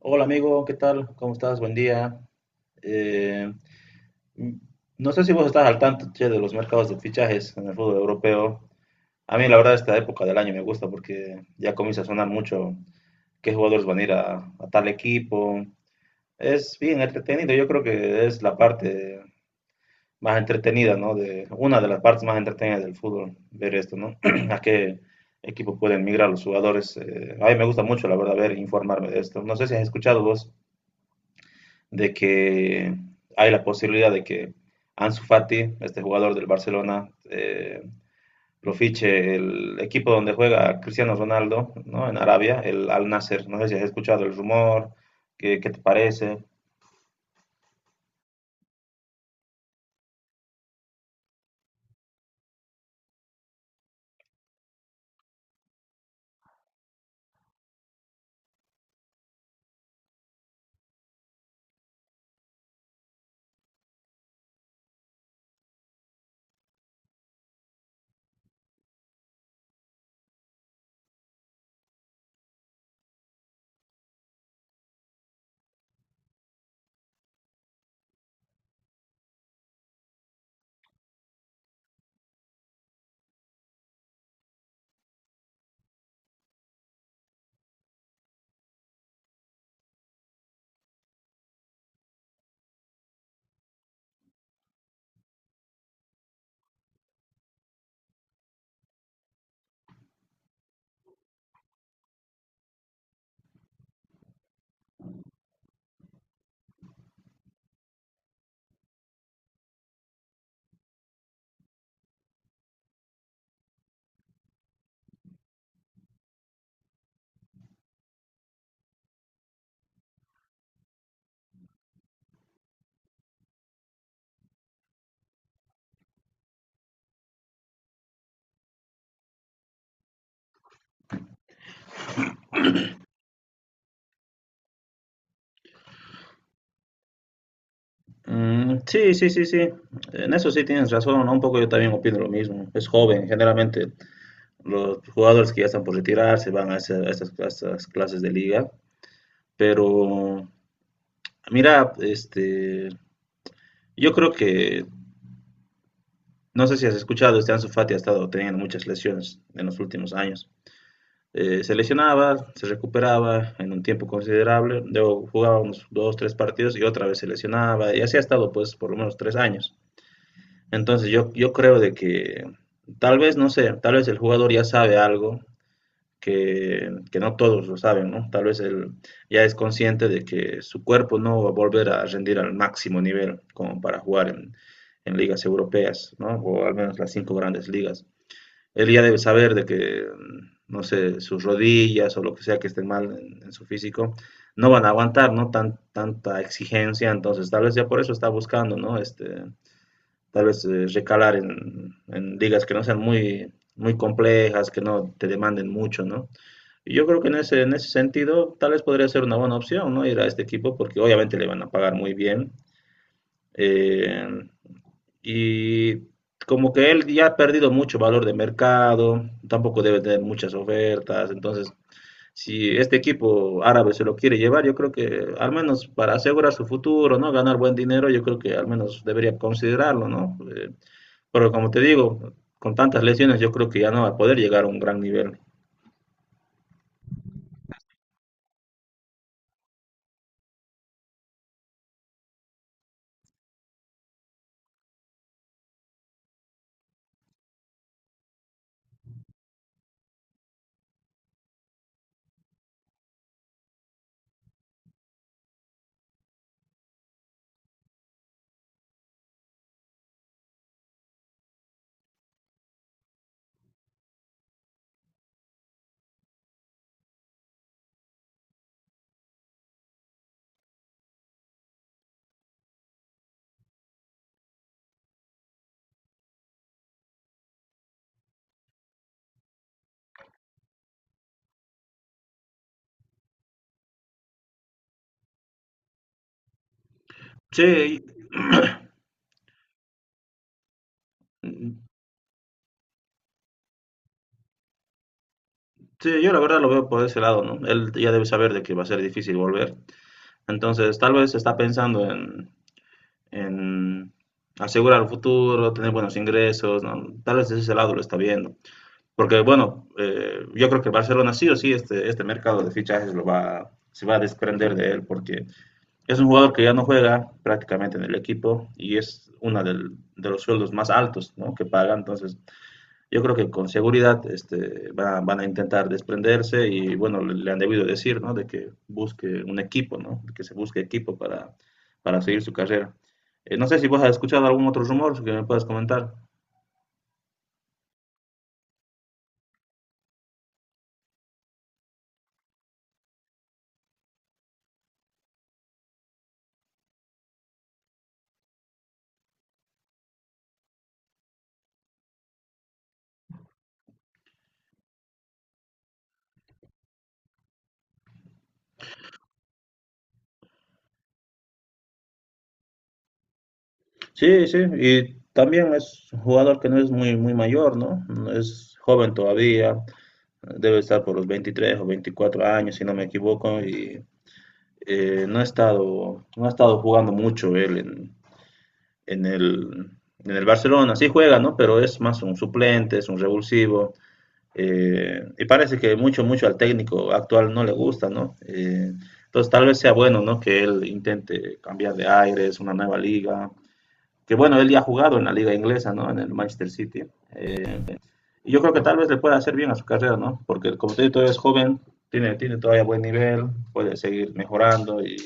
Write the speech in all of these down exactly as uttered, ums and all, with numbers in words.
Hola amigo, ¿qué tal? ¿Cómo estás? Buen día. Eh, m- no sé si vos estás al tanto, che, de los mercados de fichajes en el fútbol europeo. A mí la verdad esta época del año me gusta porque ya comienza a sonar mucho qué jugadores van a ir a, a tal equipo. Es bien entretenido, yo creo que es la parte más entretenida, ¿no? De, una de las partes más entretenidas del fútbol, ver esto, ¿no? A qué equipo pueden migrar los jugadores. Eh, a mí me gusta mucho, la verdad, ver, informarme de esto. No sé si has escuchado vos de que hay la posibilidad de que Ansu Fati, este jugador del Barcelona, eh, lo fiche el equipo donde juega Cristiano Ronaldo, ¿no? En Arabia, el Al Nasser. No sé si has escuchado el rumor. ¿qué, qué te parece? Mm, sí, sí, sí, sí. En eso sí tienes razón, ¿no? Un poco yo también opino lo mismo. Es joven, generalmente los jugadores que ya están por retirarse van a, ese- a estas, a estas clases de liga. Pero, mira, este, yo creo que no sé si has escuchado, este Ansu Fati ha estado teniendo muchas lesiones en los últimos años. Eh, se lesionaba, se recuperaba en un tiempo considerable, luego jugaba unos dos, tres partidos y otra vez se lesionaba, y así ha estado pues por lo menos tres años. Entonces yo, yo creo de que tal vez, no sé, tal vez el jugador ya sabe algo que, que no todos lo saben, ¿no? Tal vez él ya es consciente de que su cuerpo no va a volver a rendir al máximo nivel como para jugar en, en ligas europeas, ¿no? O al menos las cinco grandes ligas él ya debe saber de que, mm, no sé, sus rodillas o lo que sea que esté mal en, en su físico, no van a aguantar, ¿no? Tan, tanta exigencia, entonces tal vez ya por eso está buscando, ¿no? Este, tal vez eh, recalar en, en ligas que no sean muy, muy complejas, que no te demanden mucho, ¿no? Y yo creo que en ese, en ese sentido tal vez podría ser una buena opción, ¿no? Ir a este equipo porque obviamente le van a pagar muy bien. Eh, y como que él ya ha perdido mucho valor de mercado, tampoco debe tener muchas ofertas. Entonces, si este equipo árabe se lo quiere llevar, yo creo que al menos para asegurar su futuro, ¿no? Ganar buen dinero, yo creo que al menos debería considerarlo, ¿no? Eh, pero como te digo, con tantas lesiones, yo creo que ya no va a poder llegar a un gran nivel. Sí, y- Sí, yo la verdad lo veo por ese lado, ¿no? Él ya debe saber de que va a ser difícil volver. Entonces, tal vez está pensando en, en asegurar el futuro, tener buenos ingresos, ¿no? Tal vez desde ese lado lo está viendo. Porque, bueno, eh, yo creo que Barcelona sí o sí, este, este mercado de fichajes lo va, se va a desprender de él, porque es un jugador que ya no juega prácticamente en el equipo y es uno de los sueldos más altos, ¿no? que paga. Entonces, yo creo que con seguridad este, va- van a intentar desprenderse y bueno, le, le han debido decir, ¿no? De que busque un equipo, ¿no? Que se busque equipo para, para seguir su carrera. Eh, no sé si vos has escuchado algún otro rumor que me puedas comentar. Sí, sí, y también es un jugador que no es muy, muy mayor, ¿no? No es joven todavía, debe estar por los veintitrés o veinticuatro años, si no me equivoco, y eh, no ha estado, no ha estado jugando mucho él en, en el, en el Barcelona sí juega, ¿no? Pero es más un suplente, es un revulsivo. eh, y parece que mucho, mucho al técnico actual no le gusta, ¿no? Eh, entonces tal vez sea bueno, ¿no? Que él intente cambiar de aires, una nueva liga. Que bueno, él ya ha jugado en la liga inglesa, ¿no? En el Manchester City. Eh, y yo creo que tal vez le pueda hacer bien a su carrera, ¿no? Porque como te digo, todavía es joven, tiene, tiene todavía buen nivel, puede seguir mejorando y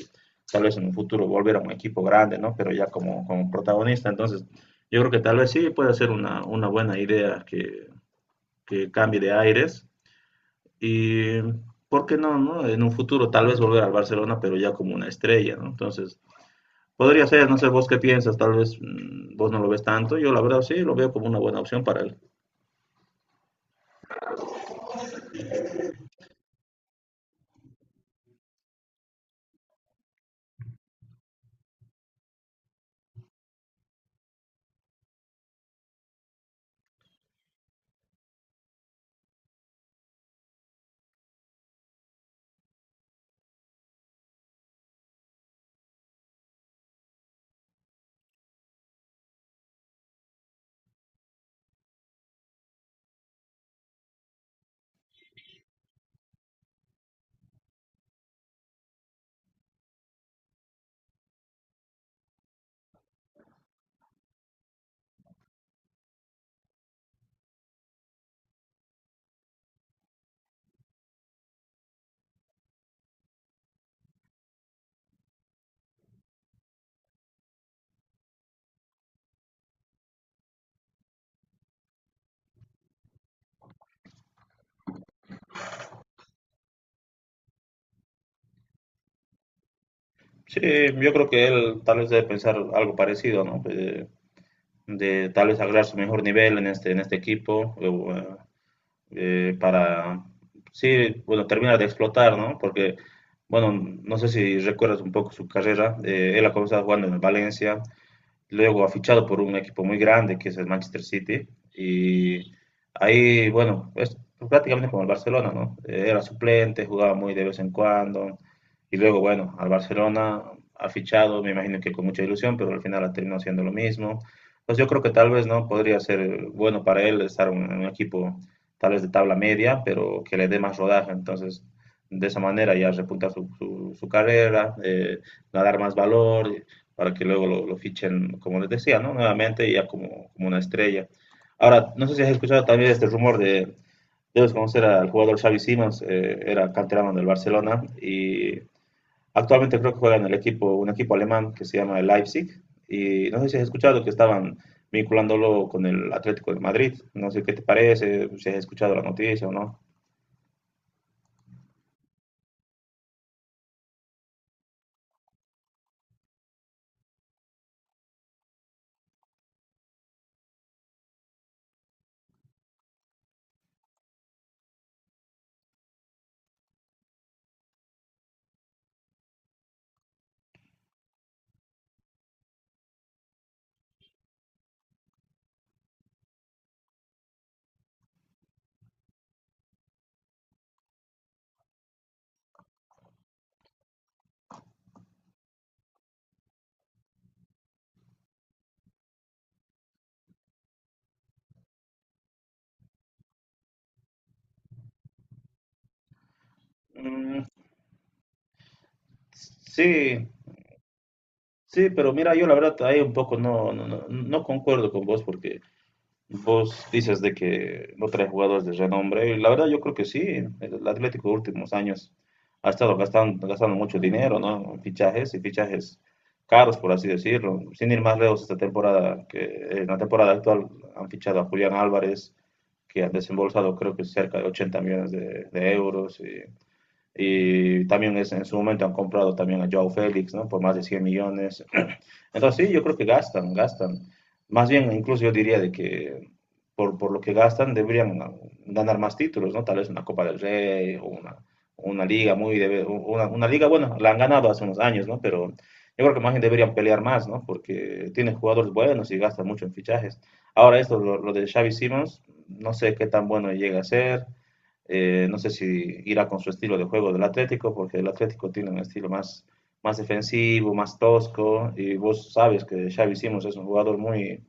tal vez en un futuro volver a un equipo grande, ¿no? Pero ya como, como protagonista, entonces yo creo que tal vez sí puede ser una, una buena idea que, que cambie de aires y, ¿por qué no, no? En un futuro tal vez volver al Barcelona, pero ya como una estrella, ¿no? Entonces, podría ser, no sé vos qué piensas, tal vez mmm, vos no lo ves tanto, yo la verdad sí lo veo como una buena opción para él. Sí, yo creo que él tal vez debe pensar algo parecido, ¿no? Eh, de tal vez agregar su mejor nivel en este, en este equipo eh, eh, para, sí, bueno, terminar de explotar, ¿no? Porque, bueno, no sé si recuerdas un poco su carrera, eh, él ha comenzado jugando en el Valencia, luego ha fichado por un equipo muy grande que es el Manchester City y ahí, bueno, es prácticamente como el Barcelona, ¿no? Eh, Era suplente, jugaba muy de vez en cuando y luego, bueno, al Barcelona ha fichado, me imagino que con mucha ilusión, pero al final ha terminado haciendo lo mismo. Pues yo creo que tal vez no podría ser bueno para él estar en un equipo tal vez de tabla media, pero que le dé más rodaje. Entonces, de esa manera ya repuntar su, su, su carrera, eh, ganar más valor para que luego lo, lo fichen, como les decía, ¿no? Nuevamente ya como, como una estrella. Ahora, no sé si has escuchado también este rumor de, debes conocer al jugador Xavi Simons, eh, era canterano del Barcelona y actualmente creo que juega en el equipo, un equipo alemán que se llama el Leipzig y no sé si has escuchado que estaban vinculándolo con el Atlético de Madrid. No sé qué te parece, si has escuchado la noticia o no. Mm, sí, sí, pero mira, yo la verdad ahí un poco no, no, no, no concuerdo con vos porque vos dices de que no trae jugadores de renombre. Y la verdad, yo creo que sí. El Atlético de últimos años ha estado gastando, gastando mucho dinero, ¿no? En fichajes y fichajes caros, por así decirlo. Sin ir más lejos, esta temporada, que en la temporada actual han fichado a Julián Álvarez, que han desembolsado creo que cerca de ochenta millones de, de euros. Y, y también es, en su momento han comprado también a Joao Félix, ¿no? Por más de cien millones. Entonces, sí, yo creo que gastan, gastan. Más bien, incluso yo diría de que por, por lo que gastan, deberían ganar más títulos, ¿no? Tal vez una Copa del Rey o una, una liga muy... De, una, una liga, bueno, la han ganado hace unos años, ¿no? Pero yo creo que más bien deberían pelear más, ¿no? Porque tienen jugadores buenos y gastan mucho en fichajes. Ahora esto, lo, lo de Xavi Simons, no sé qué tan bueno llega a ser, eh, no sé si irá con su estilo de juego del Atlético, porque el Atlético tiene un estilo más, más defensivo, más tosco, y vos sabes que Xavi Simons es un jugador muy,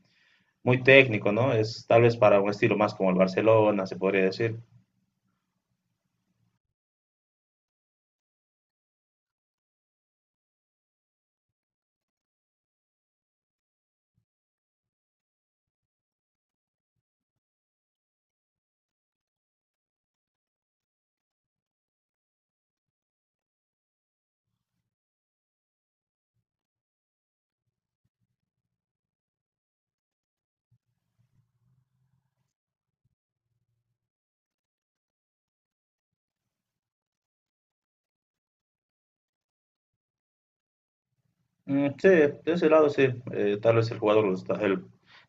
muy técnico, ¿no? Es tal vez para un estilo más como el Barcelona, se podría decir. Mm, sí, de ese lado sí, eh, tal vez el jugador, lo está- el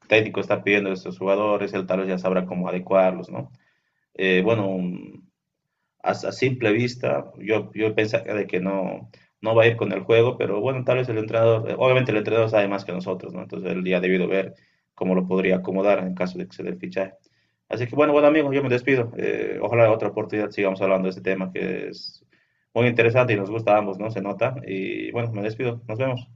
técnico está pidiendo a estos jugadores, él tal vez ya sabrá cómo adecuarlos, ¿no? Eh, bueno, a, a simple vista, yo, yo pensaría de que no, no va a ir con el juego, pero bueno, tal vez el entrenador, obviamente el entrenador sabe más que nosotros, ¿no? Entonces él ya ha debido ver cómo lo podría acomodar en caso de que se dé el fichaje. Así que bueno, bueno amigos, yo me despido. Eh, ojalá en otra oportunidad sigamos hablando de este tema que es muy interesante y nos gusta a ambos, ¿no? Se nota. Y bueno, me despido. Nos vemos.